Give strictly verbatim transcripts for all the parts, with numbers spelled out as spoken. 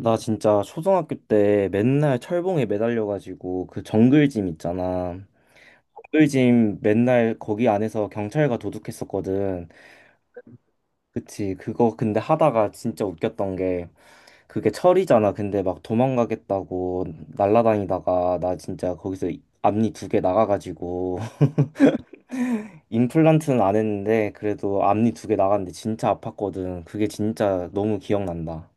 나 진짜 초등학교 때 맨날 철봉에 매달려가지고 그 정글짐 있잖아. 정글짐 맨날 거기 안에서 경찰과 도둑했었거든. 그치. 그거 근데 하다가 진짜 웃겼던 게 그게 철이잖아. 근데 막 도망가겠다고 날라다니다가 나 진짜 거기서 앞니 두 개 나가가지고 임플란트는 안 했는데 그래도 앞니 두 개 나갔는데 진짜 아팠거든. 그게 진짜 너무 기억난다.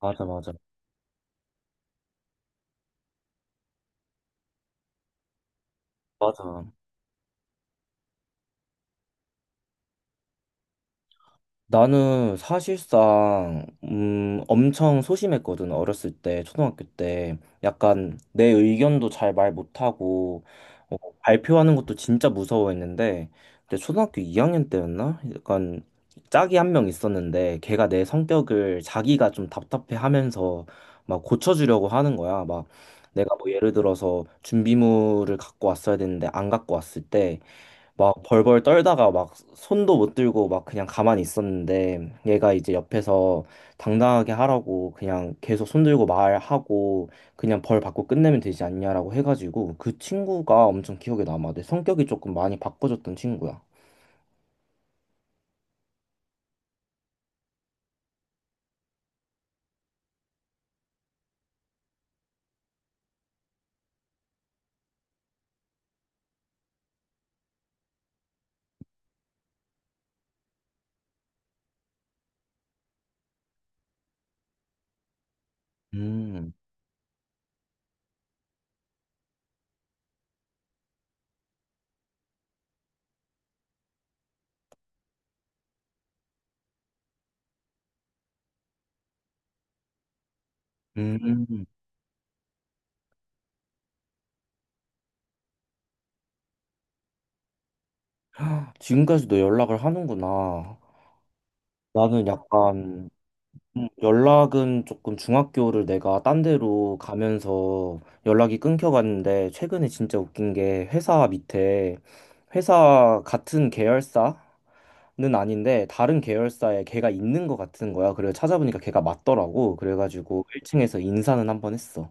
맞아, 맞아. 맞아. 나는 사실상 음 엄청 소심했거든 어렸을 때 초등학교 때 약간 내 의견도 잘 말 못하고 어, 발표하는 것도 진짜 무서워했는데 근데 초등학교 이 학년 때였나 약간 짝이 한 명 있었는데 걔가 내 성격을 자기가 좀 답답해하면서 막 고쳐주려고 하는 거야 막 내가 뭐 예를 들어서 준비물을 갖고 왔어야 되는데 안 갖고 왔을 때 막 벌벌 떨다가 막 손도 못 들고 막 그냥 가만히 있었는데 얘가 이제 옆에서 당당하게 하라고 그냥 계속 손 들고 말하고 그냥 벌 받고 끝내면 되지 않냐라고 해가지고 그 친구가 엄청 기억에 남아. 내 성격이 조금 많이 바꿔졌던 친구야. 음, 음. 지금까지도 연락을 하는구나. 나는 약간 음, 연락은 조금 중학교를 내가 딴 데로 가면서 연락이 끊겨갔는데 최근에 진짜 웃긴 게 회사 밑에 회사 같은 계열사는 아닌데 다른 계열사에 걔가 있는 것 같은 거야. 그래서 찾아보니까 걔가 맞더라고. 그래가지고 일 층에서 인사는 한 번 했어.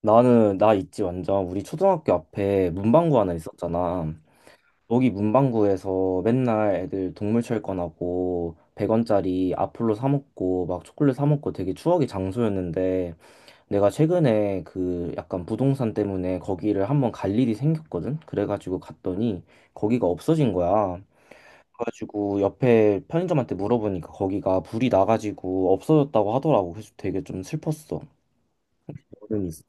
나는 나 있지 완전 우리 초등학교 앞에 문방구 하나 있었잖아. 여기 문방구에서 맨날 애들 동물 철권하고 백 원짜리 아폴로 사 먹고 막 초콜릿 사 먹고 되게 추억의 장소였는데 내가 최근에 그 약간 부동산 때문에 거기를 한번 갈 일이 생겼거든? 그래가지고 갔더니 거기가 없어진 거야. 그래가지고 옆에 편의점한테 물어보니까 거기가 불이 나가지고 없어졌다고 하더라고. 그래서 되게 좀 슬펐어. 여름 있어.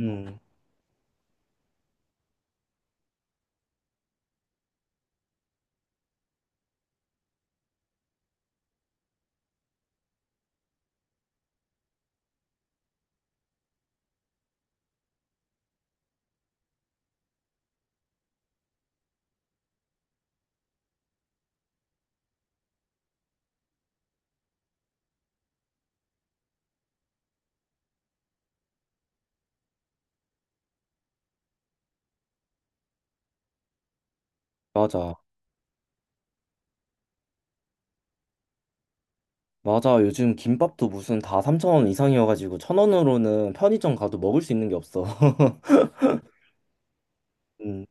음. 맞아. 맞아. 요즘 김밥도 무슨 다 삼천 원 이상이어가지고 천 원으로는 편의점 가도 먹을 수 있는 게 없어. 음,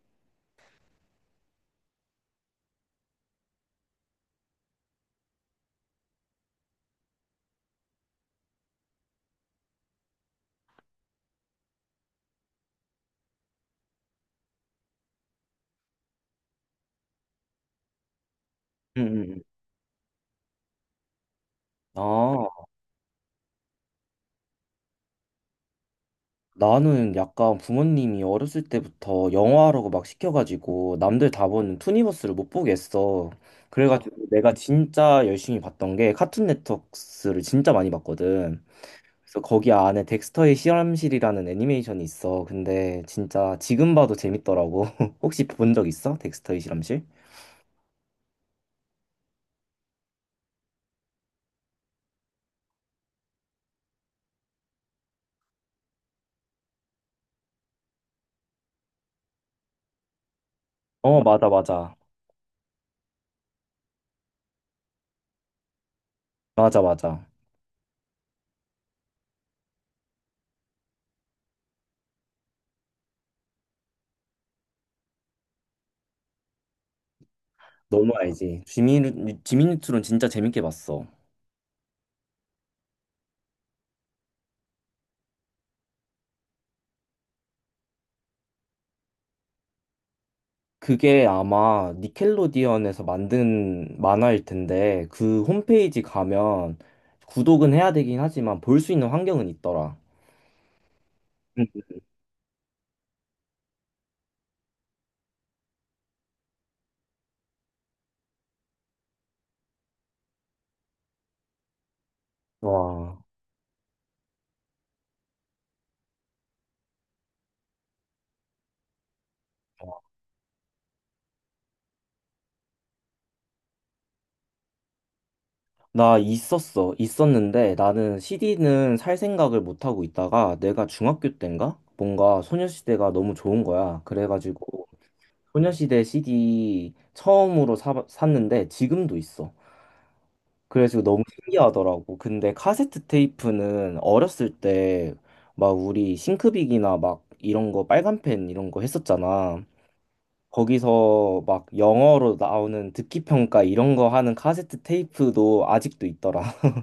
음, 음. 음. 아, 나는 약간 부모님이 어렸을 때부터 영화라고 막 시켜가지고 남들 다 보는 투니버스를 못 보겠어. 그래가지고 내가 진짜 열심히 봤던 게 카툰 네트워크를 진짜 많이 봤거든. 그래서 거기 안에 덱스터의 실험실이라는 애니메이션이 있어. 근데 진짜 지금 봐도 재밌더라고. 혹시 본 적 있어? 덱스터의 실험실? 어, 맞아, 맞아. 맞아, 맞아. 너무 알지. 지미, 지미뉴트론 진짜 재밌게 봤어. 그게 아마 니켈로디언에서 만든 만화일 텐데, 그 홈페이지 가면 구독은 해야 되긴 하지만 볼 수 있는 환경은 있더라. 응. 와, 나 있었어. 있었는데 나는 씨디는 살 생각을 못 하고 있다가 내가 중학교 때인가? 뭔가 소녀시대가 너무 좋은 거야. 그래가지고 소녀시대 씨디 처음으로 사, 샀는데 지금도 있어. 그래서 너무 신기하더라고. 근데 카세트 테이프는 어렸을 때 막 우리 싱크빅이나 막 이런 거 빨간펜 이런 거 했었잖아. 거기서 막 영어로 나오는 듣기 평가 이런 거 하는 카세트 테이프도 아직도 있더라.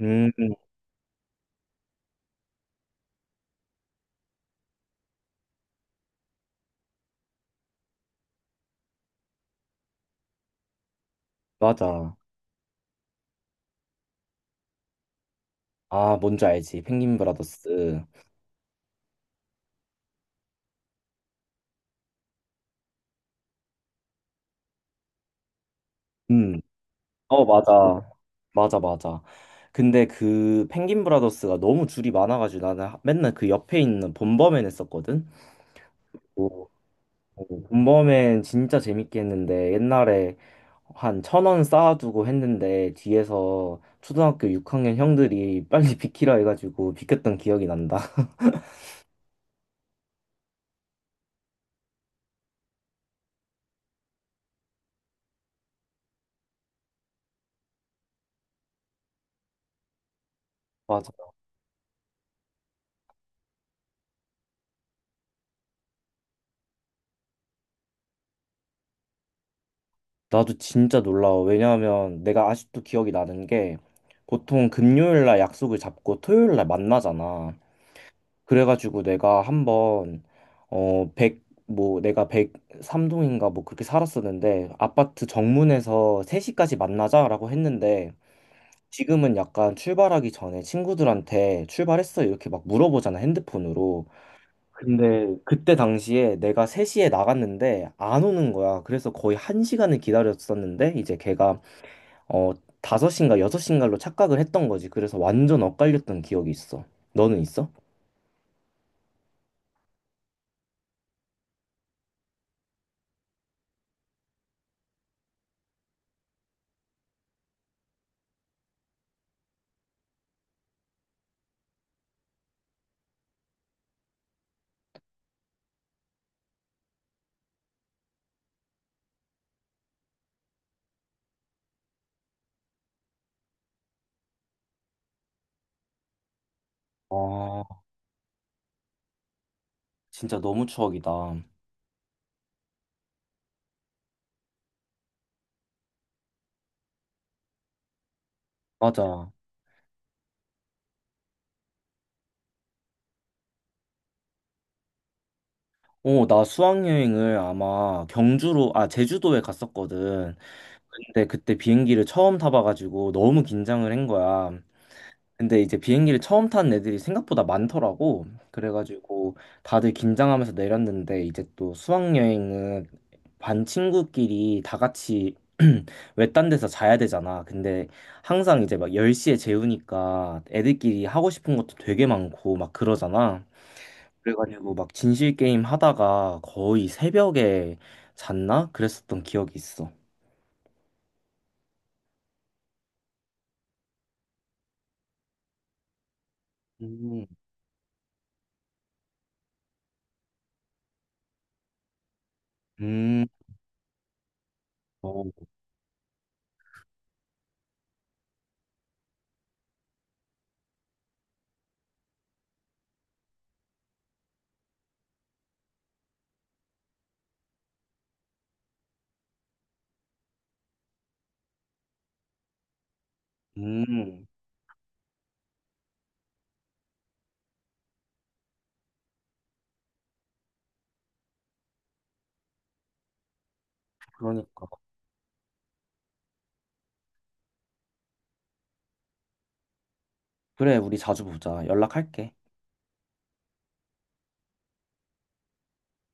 음, 맞아. 아, 뭔지 알지. 펭귄 브라더스. 음, 어, 맞아. 맞아, 맞아. 근데 그 펭귄 브라더스가 너무 줄이 많아가지고 나는 맨날 그 옆에 있는 본범맨 했었거든. 뭐 오, 본범엔 진짜 재밌게 했는데 옛날에 한 천 원 쌓아두고 했는데 뒤에서 초등학교 육 학년 형들이 빨리 비키라 해가지고 비켰던 기억이 난다. 맞아. 나도 진짜 놀라워. 왜냐하면 내가 아직도 기억이 나는 게 보통 금요일 날 약속을 잡고 토요일 날 만나잖아. 그래가지고 내가 한번 어, 백 뭐 내가 백삼 동인가 뭐 그렇게 살았었는데 아파트 정문에서 세 시까지 만나자라고 했는데 지금은 약간 출발하기 전에 친구들한테 출발했어? 이렇게 막 물어보잖아, 핸드폰으로. 근데 그때 당시에 내가 세 시에 나갔는데 안 오는 거야. 그래서 거의 한 시간을 기다렸었는데 이제 걔가 어 다섯 시인가 여섯 시인가로 착각을 했던 거지. 그래서 완전 엇갈렸던 기억이 있어. 너는 있어? 아, 진짜 너무 추억이다. 맞아. 어, 나 수학여행을 아마 경주로, 아, 제주도에 갔었거든. 근데 그때 비행기를 처음 타봐가지고 너무 긴장을 한 거야. 근데 이제 비행기를 처음 탄 애들이 생각보다 많더라고. 그래가지고 다들 긴장하면서 내렸는데 이제 또 수학여행은 반 친구끼리 다 같이 외딴 데서 자야 되잖아. 근데 항상 이제 막 열 시에 재우니까 애들끼리 하고 싶은 것도 되게 많고 막 그러잖아. 그래가지고 막 진실 게임 하다가 거의 새벽에 잤나? 그랬었던 기억이 있어. 음, 음, 어, 음, 그러니까. 그래, 우리 자주 보자. 연락할게.